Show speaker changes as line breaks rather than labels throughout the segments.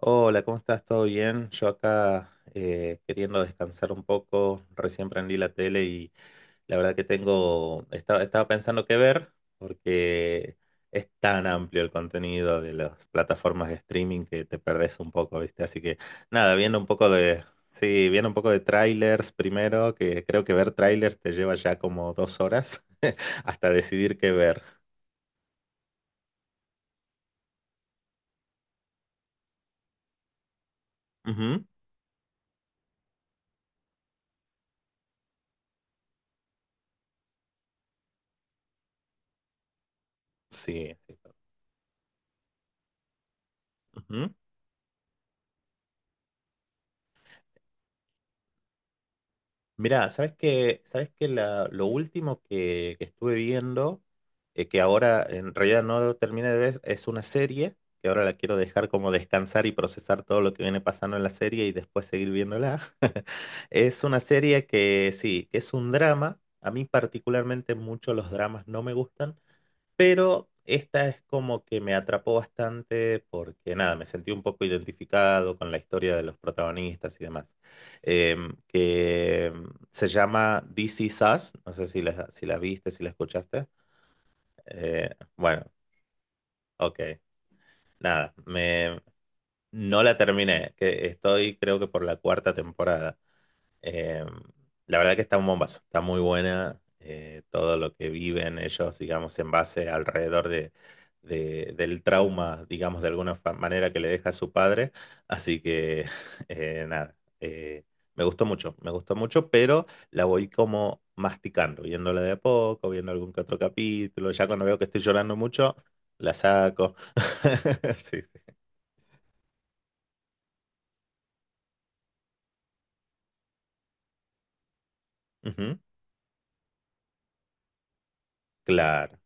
Hola, ¿cómo estás? ¿Todo bien? Yo acá queriendo descansar un poco, recién prendí la tele y la verdad que tengo, estaba pensando qué ver porque es tan amplio el contenido de las plataformas de streaming que te perdés un poco, ¿viste? Así que nada, viendo un poco de, sí, viendo un poco de trailers primero, que creo que ver trailers te lleva ya como 2 horas hasta decidir qué ver. Ujú. Sí. Sí. Mirá, sabes que lo último que estuve viendo, que ahora en realidad no lo terminé de ver, es una serie, que ahora la quiero dejar como descansar y procesar todo lo que viene pasando en la serie y después seguir viéndola. Es una serie que sí, que es un drama. A mí particularmente mucho los dramas no me gustan, pero esta es como que me atrapó bastante porque nada, me sentí un poco identificado con la historia de los protagonistas y demás. Que se llama This Is Us, no sé si la viste, si la escuchaste. Eh, bueno, ok, nada, me, no la terminé, que estoy creo que por la cuarta temporada. Eh, la verdad que está un bombazo, está muy buena, todo lo que viven ellos, digamos, en base alrededor del trauma, digamos, de alguna manera que le deja su padre. Así que, nada, eh, me gustó mucho, pero la voy como masticando, viéndola de a poco, viendo algún que otro capítulo. Ya cuando veo que estoy llorando mucho, la saco. Sí, sí. Ujú. Claro,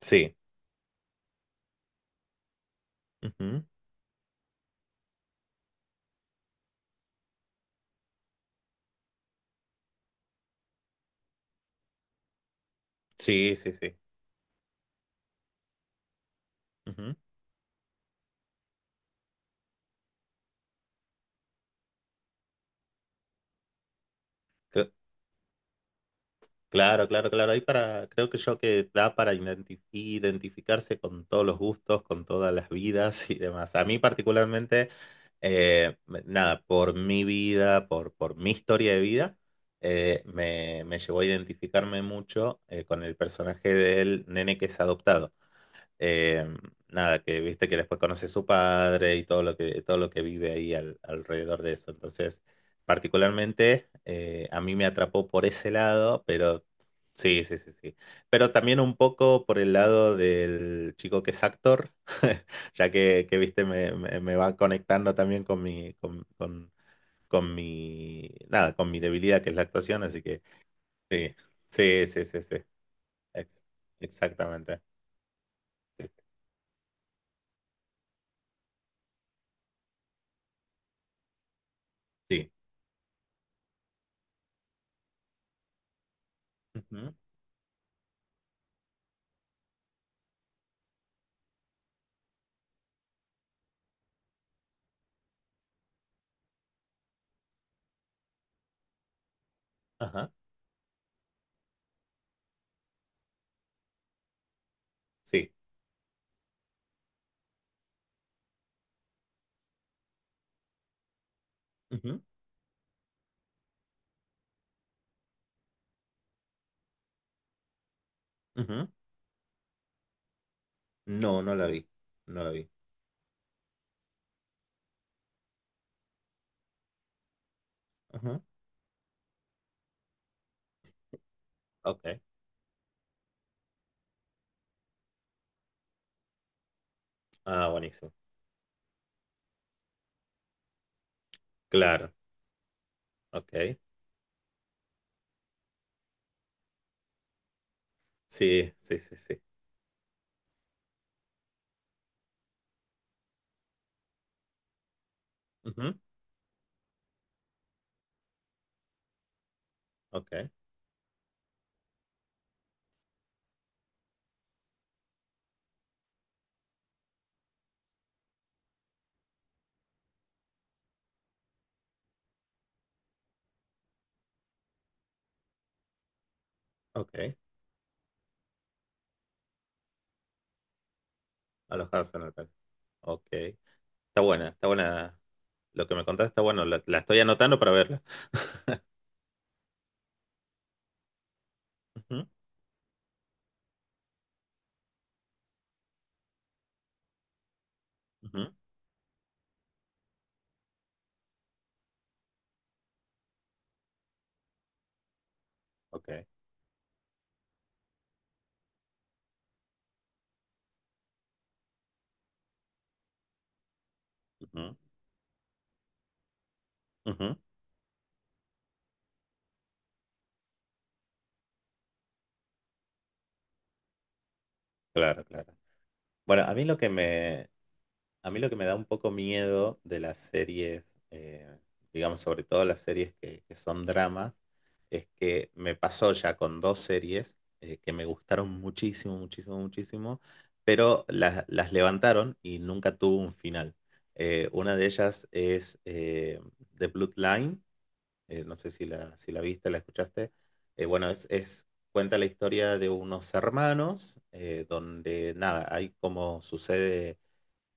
sí. Ujú. Sí, sí, sí. Ujú. Claro, claro, claro. Ahí para, creo que yo que da para identificarse con todos los gustos, con todas las vidas y demás. A mí particularmente, nada, por mi vida, por mi historia de vida, me llevó a identificarme mucho, con el personaje del nene que es adoptado. Eh, nada, que viste que después conoce a su padre y todo lo que vive ahí alrededor de eso. Entonces, particularmente, a mí me atrapó por ese lado, pero sí, sí, sí, sí. Pero también un poco por el lado del chico que es actor, ya que viste, me va conectando también con mi, nada, con mi debilidad que es la actuación, así que sí, sí, sí, sí, sí. Ex- Exactamente. Sí. Sí. Ujú. Ajá. Sí. Ujú, ujú. No, no la vi. No la vi. Ujú. Ok. Ah, buenísimo. Claro. Ok. Sí, sí, sí, sí. Ujú. Ok, ok. Alojarse en el hotel. Ok. Está buena, está buena. Lo que me contaste está bueno. La estoy anotando para verla. Ujú, ujú. Ok. Ujú, ujú. Claro, claro. Bueno, a mí lo que me, a mí lo que me da un poco miedo de las series, eh, digamos, sobre todo las series que son dramas, es que me pasó ya con dos series, que me gustaron muchísimo, muchísimo, muchísimo, pero las levantaron y nunca tuvo un final. Una de ellas es, The Bloodline. No sé si la, si la viste, la escuchaste. Bueno, cuenta la historia de unos hermanos, donde nada, hay como sucede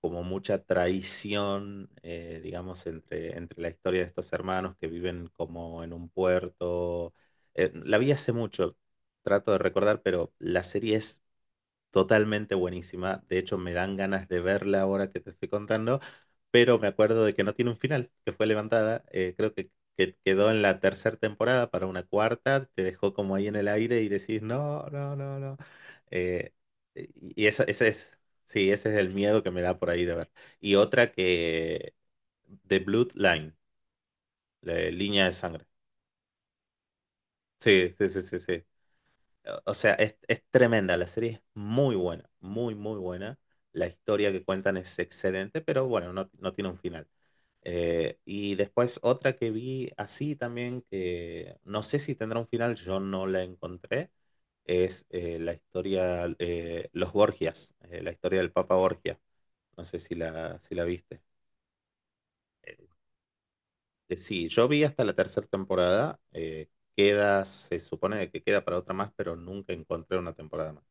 como mucha traición, digamos, entre la historia de estos hermanos que viven como en un puerto. La vi hace mucho, trato de recordar, pero la serie es totalmente buenísima. De hecho, me dan ganas de verla ahora que te estoy contando, pero me acuerdo de que no tiene un final, que fue levantada. Creo que quedó en la tercera temporada para una cuarta, te dejó como ahí en el aire y decís, no, no, no, no. Eh, y eso, ese es, sí, ese es el miedo que me da por ahí de ver. Y otra que, The Bloodline, la línea de sangre. Sí, sí, sí, sí, sí. O sea, es tremenda, la serie es muy buena, muy, muy buena. La historia que cuentan es excelente, pero bueno, no, no tiene un final. Y después otra que vi así también, que no sé si tendrá un final, yo no la encontré, es, la historia, Los Borgias, la historia del Papa Borgia. No sé si la, si la viste. Eh, sí, yo vi hasta la tercera temporada, queda, se supone que queda para otra más, pero nunca encontré una temporada más.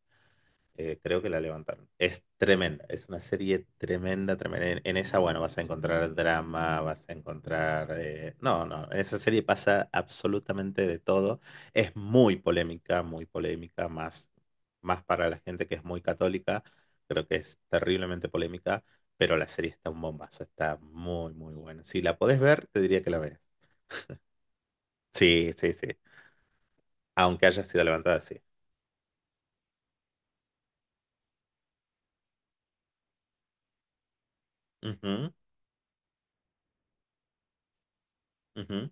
Creo que la levantaron. Es tremenda, es una serie tremenda, tremenda. En esa, bueno, vas a encontrar drama, vas a encontrar, no, no, en esa serie pasa absolutamente de todo. Es muy polémica, más, más para la gente que es muy católica. Creo que es terriblemente polémica, pero la serie está un bombazo, está muy, muy buena. Si la podés ver, te diría que la veas. Sí, sí, sí. Aunque haya sido levantada, sí. Ujú, ujú.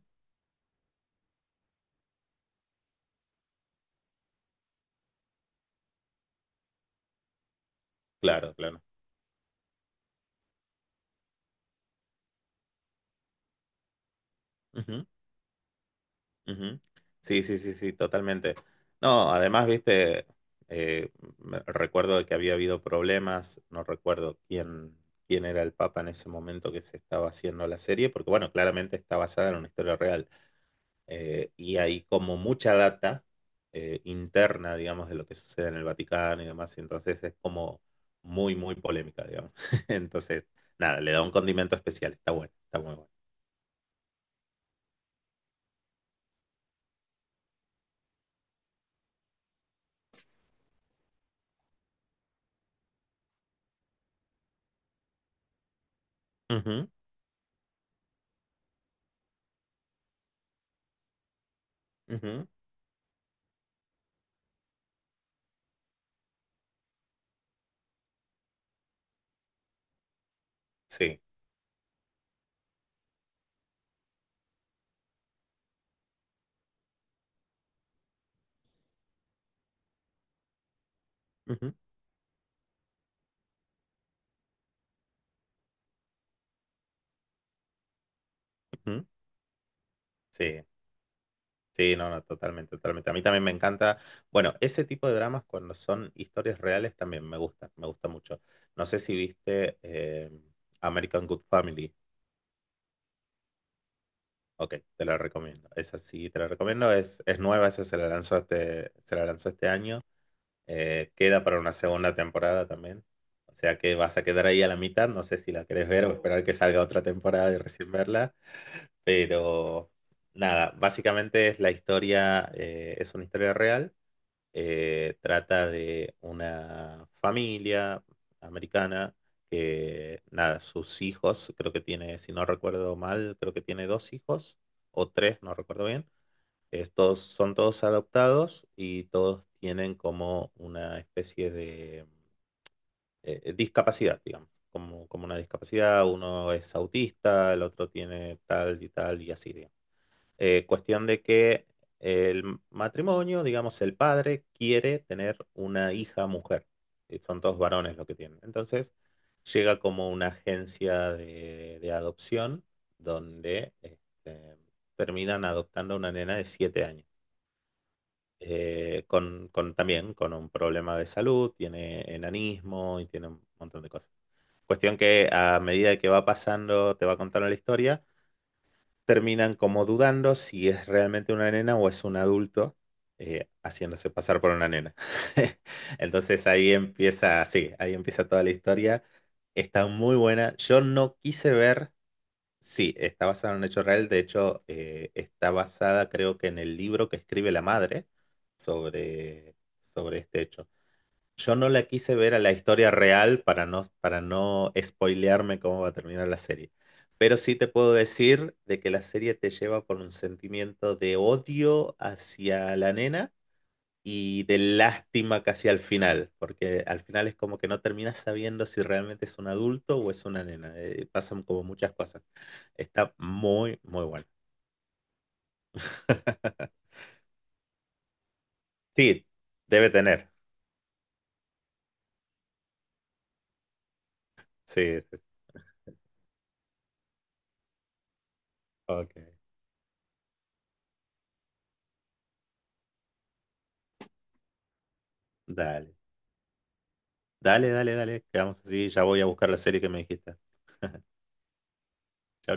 Claro, claro. Ujú. Ujú. Sí, sí, sí, sí, totalmente. No, además, viste, eh, recuerdo de que había habido problemas, no recuerdo quién, quién era el Papa en ese momento que se estaba haciendo la serie, porque bueno, claramente está basada en una historia real. Y hay como mucha data, interna, digamos, de lo que sucede en el Vaticano y demás, y entonces es como muy, muy polémica, digamos. Entonces, nada, le da un condimento especial, está bueno, está muy bueno. Ujú, ujú, sí. Ujú, ujú, sí. Sí, no, no, totalmente, totalmente. A mí también me encanta. Bueno, ese tipo de dramas cuando son historias reales también me gusta mucho. No sé si viste, American Good Family. Ok, te la recomiendo. Esa sí, te la recomiendo. Es nueva, esa se la lanzó este, se la lanzó este año. Queda para una segunda temporada también. O sea que vas a quedar ahí a la mitad. No sé si la querés ver o esperar que salga otra temporada y recién verla. Pero nada, básicamente es la historia, es una historia real. Trata de una familia americana que, nada, sus hijos, creo que tiene, si no recuerdo mal, creo que tiene dos hijos o tres, no recuerdo bien. Estos son todos adoptados y todos tienen como una especie de, discapacidad, digamos, como, como una discapacidad. Uno es autista, el otro tiene tal y tal y así, digamos. Cuestión de que el matrimonio, digamos, el padre quiere tener una hija mujer. Y son todos varones lo que tienen. Entonces, llega como una agencia de adopción donde este, terminan adoptando a una nena de 7 años. Con, también con un problema de salud, tiene enanismo y tiene un montón de cosas. Cuestión que a medida que va pasando, te va contando la historia, terminan como dudando si es realmente una nena o es un adulto, haciéndose pasar por una nena. Entonces ahí empieza, sí, ahí empieza toda la historia. Está muy buena. Yo no quise ver, sí, está basada en un hecho real. De hecho, está basada creo que en el libro que escribe la madre sobre, sobre este hecho. Yo no la quise ver a la historia real para no spoilearme cómo va a terminar la serie. Pero sí te puedo decir de que la serie te lleva por un sentimiento de odio hacia la nena y de lástima casi al final, porque al final es como que no terminas sabiendo si realmente es un adulto o es una nena. Pasan como muchas cosas. Está muy, muy bueno. Sí, debe tener. Sí, sí. Ok, dale. Dale, dale, dale. Quedamos así. Ya voy a buscar la serie que me dijiste. Chao.